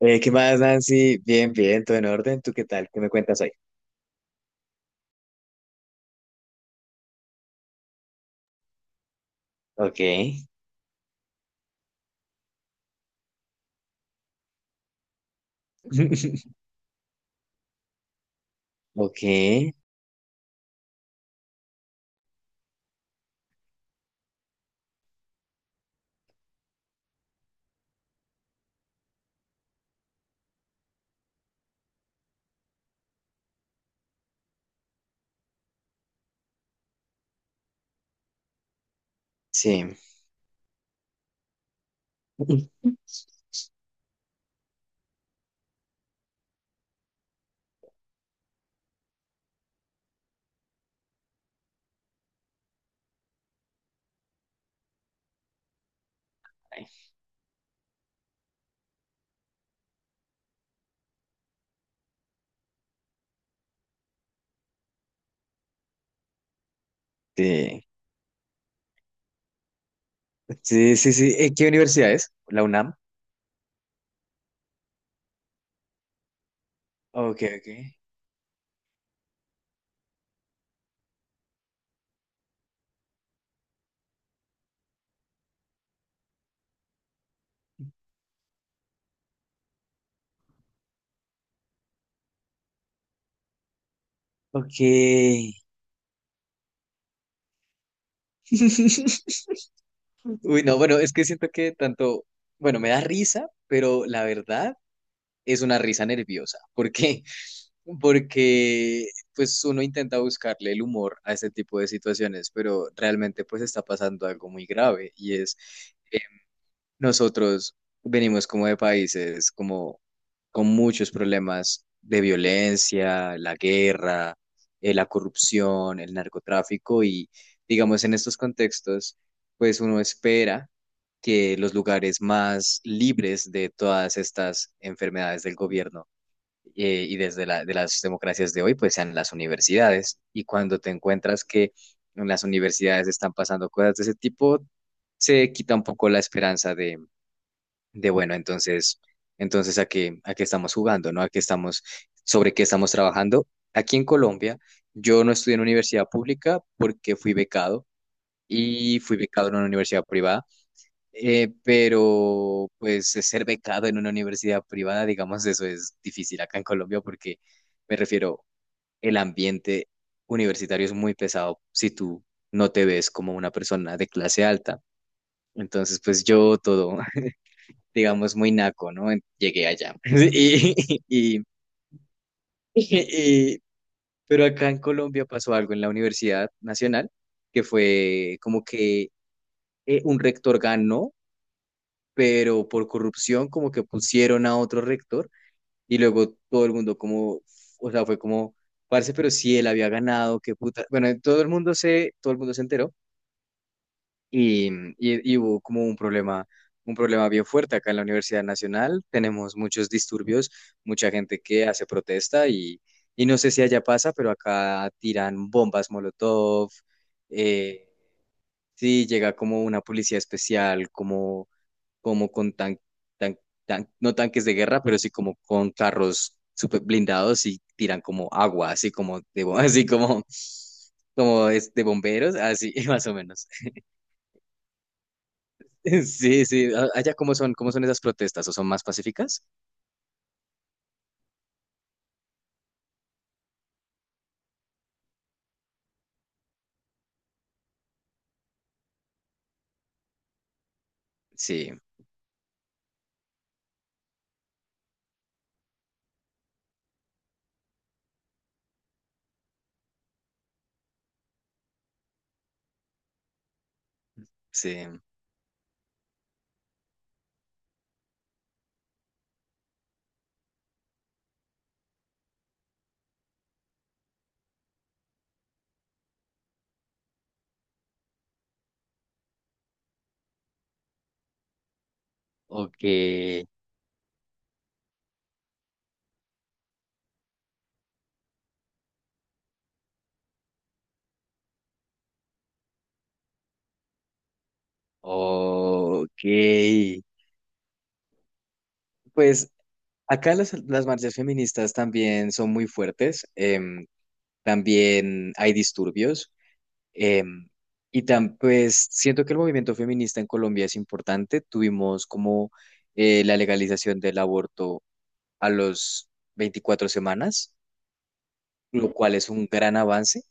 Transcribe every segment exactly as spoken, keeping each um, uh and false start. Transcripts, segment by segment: Eh, ¿qué más, Nancy? Bien, bien, todo en orden. ¿Tú qué tal? ¿Qué me cuentas hoy? Ok. Ok, sí. Ay, sí, sí, sí. Sí. Eh, ¿qué universidad es? ¿La UNAM? Ok, ok. Ok. Uy, no, bueno, es que siento que tanto, bueno, me da risa, pero la verdad es una risa nerviosa. ¿Por qué? Porque pues uno intenta buscarle el humor a este tipo de situaciones, pero realmente pues está pasando algo muy grave y es... Nosotros venimos como de países como con muchos problemas de violencia, la guerra, eh, la corrupción, el narcotráfico y digamos en estos contextos, pues uno espera que los lugares más libres de todas estas enfermedades del gobierno eh, y desde la, de las democracias de hoy, pues sean las universidades. Y cuando te encuentras que en las universidades están pasando cosas de ese tipo, se quita un poco la esperanza de, de bueno, entonces, entonces a qué, a qué estamos jugando, ¿no? A qué estamos, sobre qué estamos trabajando. Aquí en Colombia, yo no estudié en universidad pública porque fui becado y fui becado en una universidad privada, eh, pero pues ser becado en una universidad privada, digamos, eso es difícil acá en Colombia porque me refiero, el ambiente universitario es muy pesado si tú no te ves como una persona de clase alta. Entonces, pues yo todo, digamos, muy naco, ¿no? En- Llegué allá. Y, y- y- pero acá en Colombia pasó algo en la Universidad Nacional, que fue como que eh, un rector ganó, pero por corrupción como que pusieron a otro rector y luego todo el mundo como, o sea, fue como, parce, pero si él había ganado, qué puta. Bueno, todo el mundo se, todo el mundo se enteró. Y, mm, y- y hubo como un problema, un problema bien fuerte acá en la Universidad Nacional. Tenemos muchos disturbios, mucha gente que hace protesta y, y no sé si allá pasa, pero acá tiran bombas Molotov. eh, sí, llega como una policía especial, como, como con tan, tan- tan- no tanques de guerra, pero sí como con carros super blindados y tiran como agua, así como de, bo- así como, como es de bomberos, así más o menos. Sí, sí. a- Allá, ¿cómo son, cómo son esas protestas? ¿O son más pacíficas? Sí, sí. Ok, ok. Pues acá las, las marchas feministas también son muy fuertes. Em, también hay disturbios. em, y tan, pues siento que el movimiento feminista en Colombia es importante. Tuvimos como eh, la legalización del aborto a los veinticuatro semanas, lo cual es un gran avance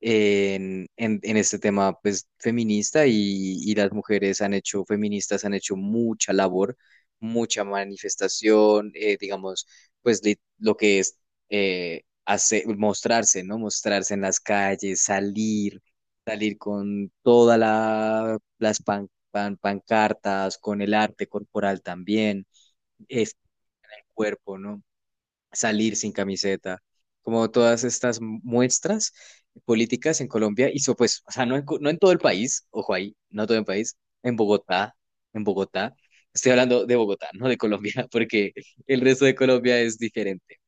en, en- en este tema pues, feminista y, y las mujeres han hecho, feministas han hecho mucha labor, mucha manifestación, eh, digamos, pues li- lo que es eh, hace- mostrarse, ¿no? Mostrarse en las calles, salir, salir con todas la, las pan- pan- pancartas, con el arte corporal también, este cuerpo, ¿no? Salir sin camiseta, como todas estas muestras políticas en Colombia, hizo pues, o sea, no en, co- no en todo el país, ojo ahí, no todo el país, en Bogotá, en Bogotá, estoy hablando de Bogotá, no de Colombia, porque el resto de Colombia es diferente.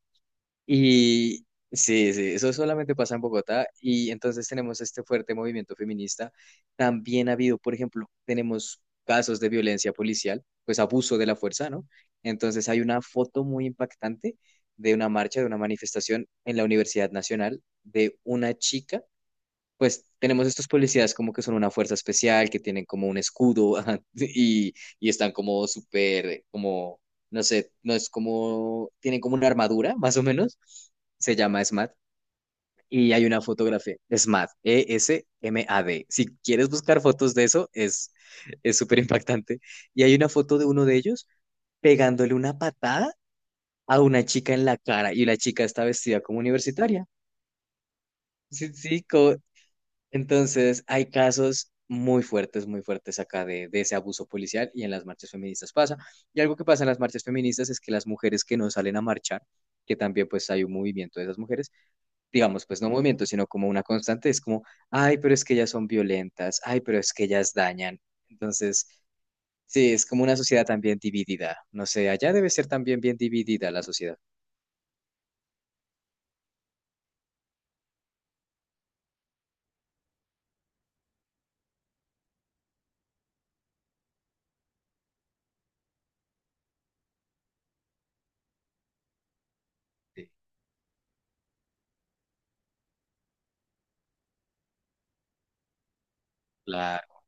Y sí, sí, eso solamente pasa en Bogotá y entonces tenemos este fuerte movimiento feminista. También ha habido, por ejemplo, tenemos casos de violencia policial, pues abuso de la fuerza, ¿no? Entonces hay una foto muy impactante de una marcha, de una manifestación en la Universidad Nacional de una chica, pues tenemos estos policías como que son una fuerza especial, que tienen como un escudo ajá, y, y están como súper, como, no sé, no es como, tienen como una armadura, más o menos, se llama SMAD. Y hay una fotografía, SMAD, E S M A D. Si quieres buscar fotos de eso, es es súper impactante. Y hay una foto de uno de ellos pegándole una patada a una chica en la cara y la chica está vestida como universitaria. Sí, sí, co- entonces, hay casos muy fuertes, muy fuertes acá de, de ese abuso policial y en las marchas feministas pasa. Y algo que pasa en las marchas feministas es que las mujeres que no salen a marchar, que también pues hay un movimiento de esas mujeres, digamos, pues no movimiento, sino como una constante, es como, ay, pero es que ellas son violentas, ay, pero es que ellas dañan. Entonces, sí, es como una sociedad también dividida. No sé, allá debe ser también bien dividida la sociedad. Sí, claro,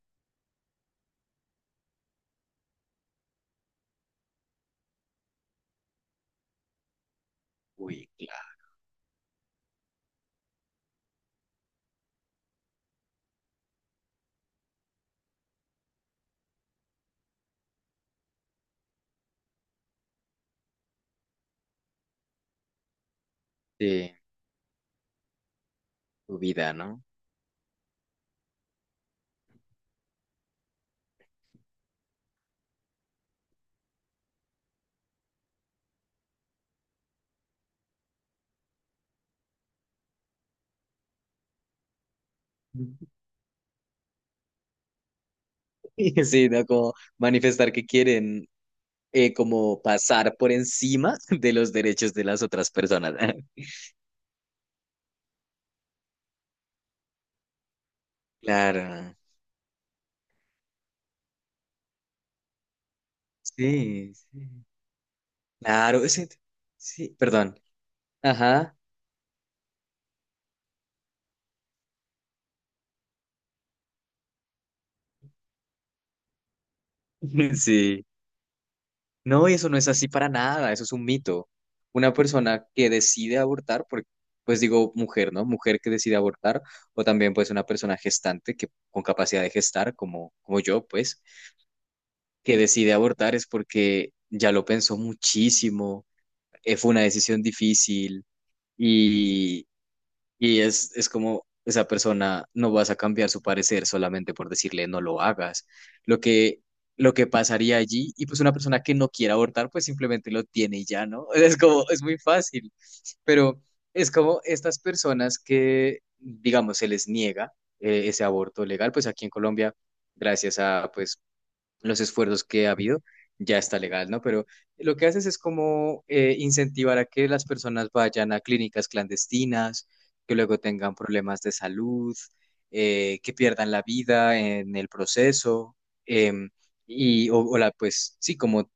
uy, claro. Sí, tu vida, ¿no? Sí, ¿no? Como manifestar que quieren eh, como pasar por encima de los derechos de las otras personas. Claro, sí, sí. Claro, ese- sí, perdón. Ajá, sí. No, y eso no es así para nada, eso es un mito. Una persona que decide abortar, porque, pues digo mujer, ¿no? Mujer que decide abortar, o también pues una persona gestante que con capacidad de gestar, como, como yo, pues, que decide abortar es porque ya lo pensó muchísimo, eh, fue una decisión difícil. Y, y es, es como esa persona no vas a cambiar su parecer solamente por decirle no lo hagas. Lo que, lo que pasaría allí, y pues una persona que no quiera abortar, pues simplemente lo tiene y ya, ¿no? Es como, es muy fácil. Pero es como estas personas que, digamos, se les niega eh, ese aborto legal, pues aquí en Colombia, gracias a pues los esfuerzos que ha habido, ya está legal, ¿no? Pero lo que haces es como eh, incentivar a que las personas vayan a clínicas clandestinas, que luego tengan problemas de salud, eh, que pierdan la vida en el proceso, em, y, o, o la, pues sí, como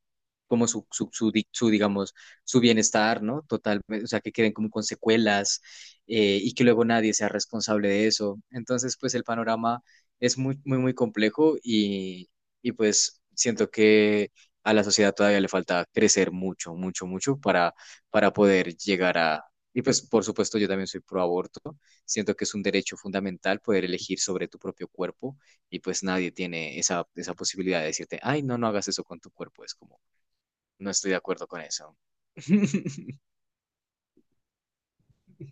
como su, su, su, di- su, digamos, su bienestar, ¿no? Total, o sea, que queden como con secuelas eh, y que luego nadie sea responsable de eso. Entonces, pues el panorama es muy, muy, muy complejo y, y pues siento que a la sociedad todavía le falta crecer mucho, mucho, mucho para, para poder llegar a... Y pues, por supuesto, yo también soy pro aborto. Siento que es un derecho fundamental poder elegir sobre tu propio cuerpo y pues nadie tiene esa, esa posibilidad de decirte, ay, no, no hagas eso con tu cuerpo. Es como no estoy de acuerdo con eso.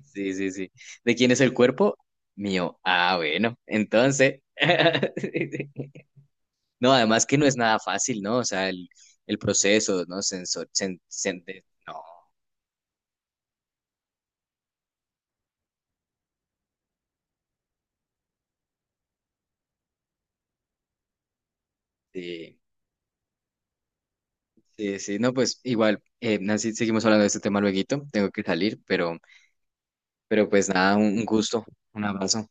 Sí, sí, sí. ¿De quién es el cuerpo? Mío. Ah, bueno, entonces. No, además que no es nada fácil, ¿no? O sea, el, el proceso, ¿no? Sensor, sen- sen- de- no, sí, sí, sí, no, pues igual, eh, Nancy, seguimos hablando de este tema lueguito, tengo que salir, pero, pero pues nada, un un gusto, un abrazo.